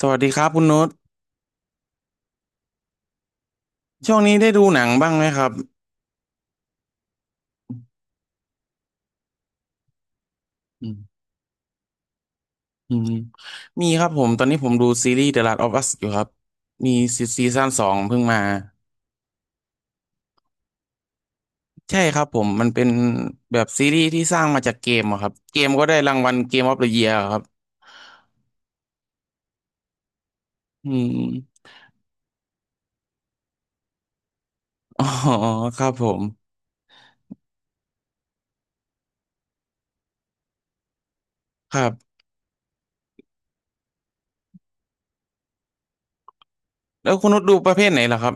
สวัสดีครับคุณโน้ตช่วงนี้ได้ดูหนังบ้างไหมครับอืมอืมมีครับผมตอนนี้ผมดูซีรีส์ The Last of Us อยู่ครับมีซีซั่นสองเพิ่งมาใช่ครับผมมันเป็นแบบซีรีส์ที่สร้างมาจากเกมอะครับเกมก็ได้รางวัลเกมออฟเดอะเยียร์ครับอืมอ๋อครับผมครับแล้วคุณโน้ตดูประเภทไหนล่ะครับ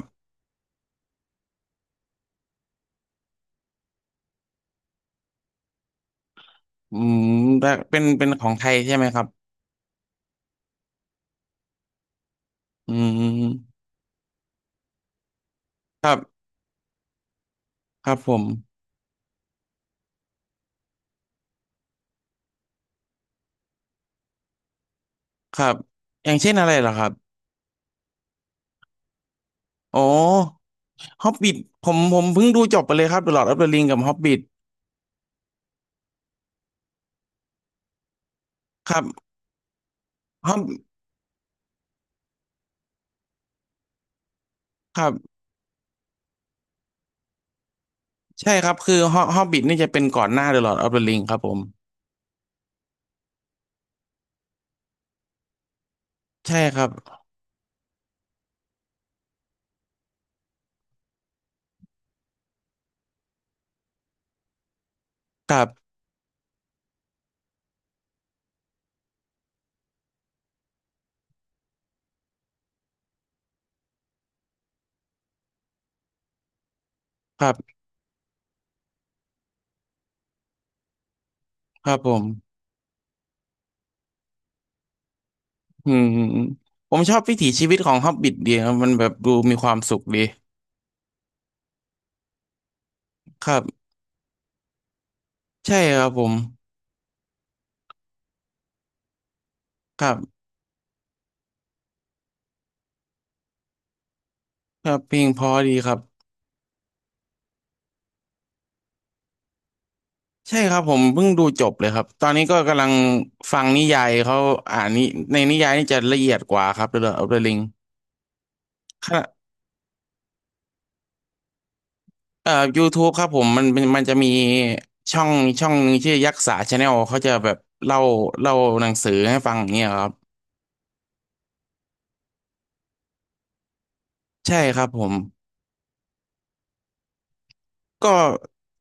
อืมได้เป็นของไทยใช่ไหมครับอืมครับครับผมครับอย่างเช่นอะไรล่ะครับโอ้ ฮอบบิทผมเพิ่งดูจบไปเลยครับ The Lord of the Ring กับฮอบบิทครับฮอบครับใช่ครับคือฮอบบิทนี่จะเป็นก่อนหน้า The Lord of the Ring ครับผมใช่ครับครับครับครับผมอืมอืมอืมผมชอบวิถีชีวิตของฮอบบิทดีครับมันแบบดูมีความสุขดีครับใช่ครับผมครับครับเพลงเพอดีครับใช่ครับผมเพิ่งดูจบเลยครับตอนนี้ก็กำลังฟังนิยายเขาอ่านในนิยายนี่จะละเอียดกว่าครับ The Lord of the Ring YouTube ครับผมมันจะมีช่องช่องหนึงชื่อยักษ์สาชาแนลเขาจะแบบเล่าเล่าหนังสือให้ฟังอย่างเงี้ยครับใช่ครับผมก็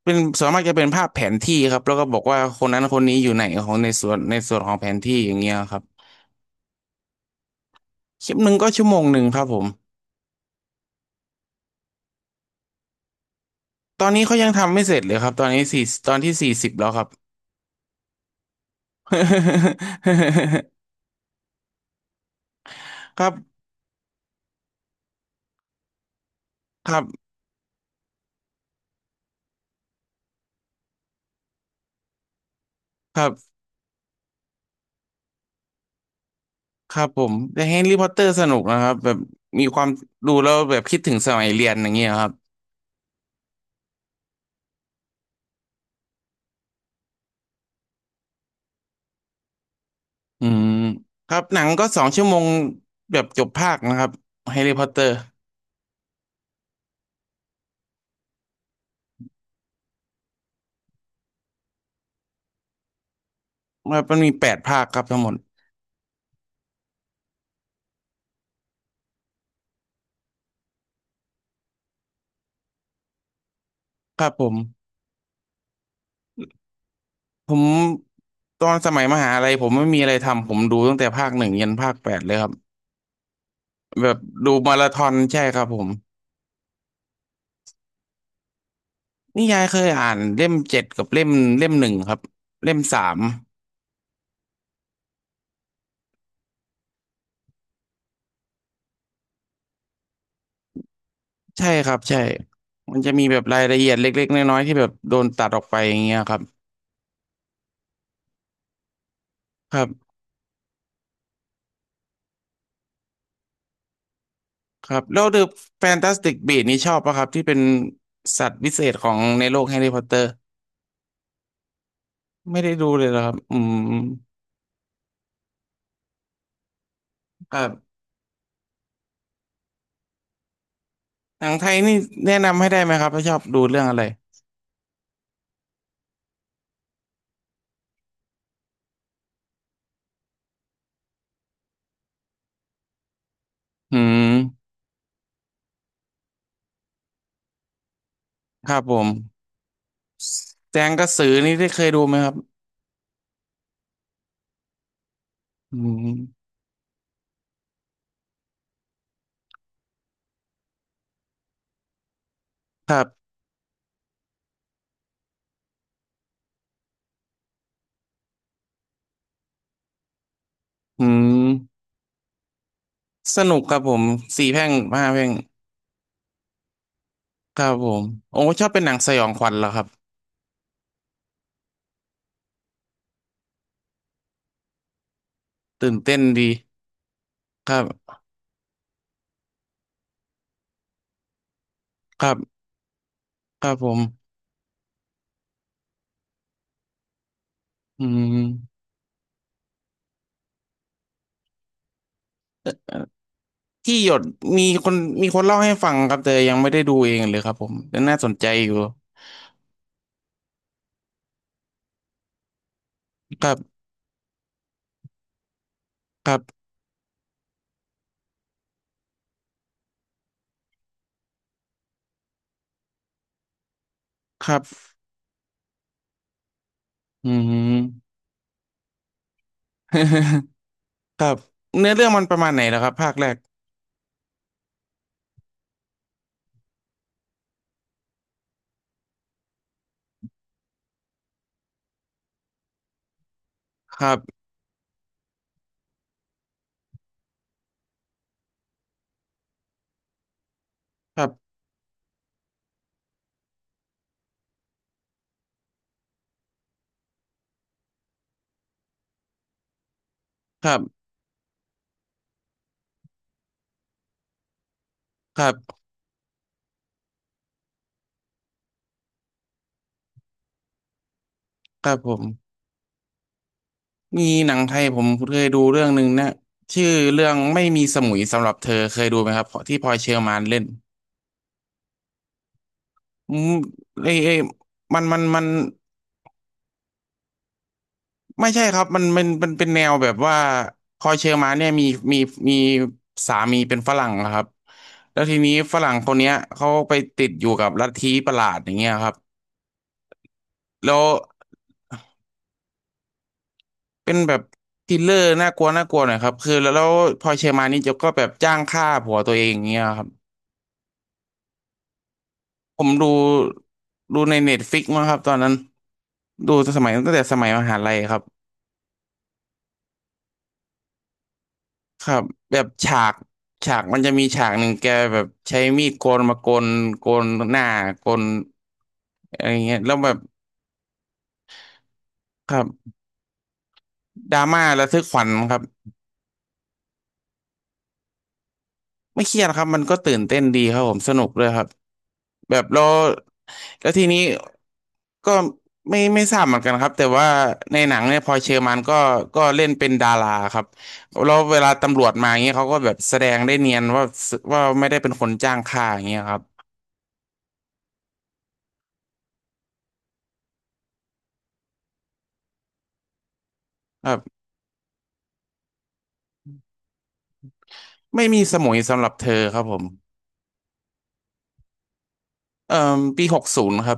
เป็นส่วนมากจะเป็นภาพแผนที่ครับแล้วก็บอกว่าคนนั้นคนนี้อยู่ไหนของในส่วนของแผนที่อย่างเงี้ยครับคลิปหนึ่งก็ชั่วโมงหนึ่งครับผมตอนนี้เขายังทำไม่เสร็จเลยครับตอนนี้ตอนที่40แล้วครับ ครับครับครับ ครับผมแต่แฮร์รี่พอตเตอร์สนุกนะครับแบบมีความดูแล้วแบบคิดถึงสมัยเรียนอย่างเงี้ยครับอืมครับหนังก็2 ชั่วโมงแบบจบภาคนะครับแฮร์รี่พอตเตอร์ครับมันมีแปดภาคครับทั้งหมดครับผมผมตอนสมัยมหาลัยผมไม่มีอะไรทำผมดูตั้งแต่ภาคหนึ่งยันภาคแปดเลยครับแบบดูมาราธอนใช่ครับผมนิยายเคยอ่านเล่มเจ็ดกับเล่มหนึ่งครับเล่มสาม ใช่ครับใช่ มันจะมีแบบรายละเอียดเล็กๆน้อยๆที่แบบโดนตัดออกไปอย่างเงี้ยครับครับครับแล้ว The Fantastic Beasts นี่ชอบปะครับที่เป็นสัตว์วิเศษของในโลกแฮร์รี่พอตเตอร์ไม่ได้ดูเลยเหรอครับอืมครับหนังไทยนี่แนะนำให้ได้ไหมครับถ้าชอบดูเรื่องอะไรอืมครับผมแจงกระสือนี่ได้เคยดูไหมครับอืมอืมสนุกครับผมสี่แพร่งห้าแพร่งครับผมโอ้ชอบเป็นหนังสยองขวัญเหรอครับตื่นเต้นดีครับครับ ครับผมอืมที่หยดมีคน มีคนเล่าให้ฟังครับแต่ยังไม่ได้ดูเองเลยครับผม แต่น่าสนใจอยู่ครับ ครับ ครับอืม ครับเนื้อเรื่องมันประมาณไหนแล้วครับภาคแรก ครับ ครับครับครับครับผมมีหนังไทยผมเคยดูเรื่องหนึ่งนะชื่อเรื่องไม่มีสมุยสำหรับเธอเคยดูไหมครับที่พลอยเชอร์มานเล่นอืมเอ้ยเอ้ยมันมันมัน ไม่ใช่ครับมันเป็นแนวแบบว่าพลอยเชอร์มานเนี่ยมีมีสามีเป็นฝรั่งนะครับแล้วทีนี้ฝรั่งคนเนี้ยเขาไปติดอยู่กับลัทธิประหลาดอย่างเงี้ยครับแล้วเป็นแบบทริลเลอร์น่ากลัวน่ากลัวหน่อยครับคือแล้วพลอยเชอร์มานนี่จะก็แบบจ้างฆ่าผัวตัวเองอย่างเงี้ยครับผมดูในเน็ตฟิกมั้งครับตอนนั้นดูสมัยตั้งแต่สมัยมหาลัยครับ ครับแบบฉากมันจะมีฉากหนึ่งแกแบบใช้มีดโกนมาโกนหน้าโกนอะไรเงี้ยแล้วแบบครับดราม่าระทึกขวัญครับไม่เครียดครับมันก็ตื่นเต้นดีครับผมสนุกเ้ยครับแบบแล้วทีนี้ก็ไม่ทราบเหมือนกันครับแต่ว่าในหนังเนี่ยพลอยเชอร์มานก็เล่นเป็นดาราครับแล้วเวลาตำรวจมาอย่างเงี้ยเขาก็แบบแสดงได้เนียนว่าไม่ได้เป็นคนจ้างฆ่าอย่างเงี้ยครับ ไม่มีสมุยสำหรับเธอครับผมเอ่อปี60ครับ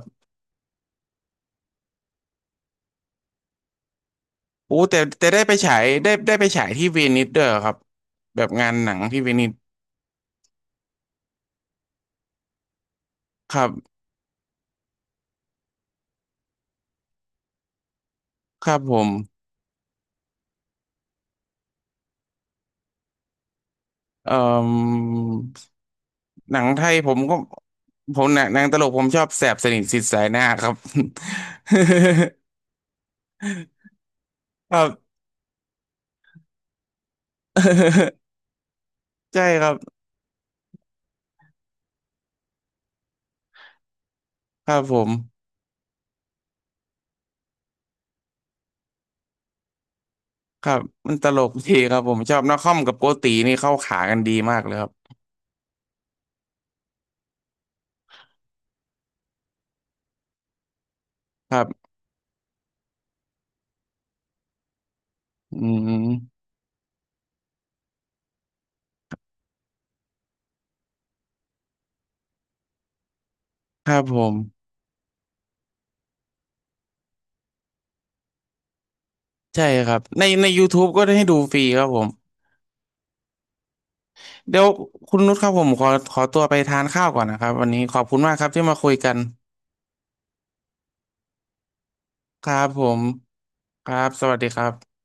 โอู้แต่ได้ไปฉายได้ไปฉายที่เวนิสด้วยครับ แบบงานหนังที่เวนิสครับครับผมเอ่อหนังไทยผมก็ผมหนังตลกผมชอบแสบสนิทสิทธิ์สายหน้าครับ ครับ ใช่ครับครับผมครับมันตลกดีครับผมชอบนักคอมกับโกตีนี่เข้าขากันดีมากเลยครับครับอืมครับผม ใช่ครับใน YouTube ก็ได้ให้ดูฟรีครับผมเดี๋ยวคุณนุชครับผมขอตัวไปทานข้าวก่อนนะครับวันนี้ขอบคุณมากครับที่มาคุยกันครับผมครับสวัสดีครับ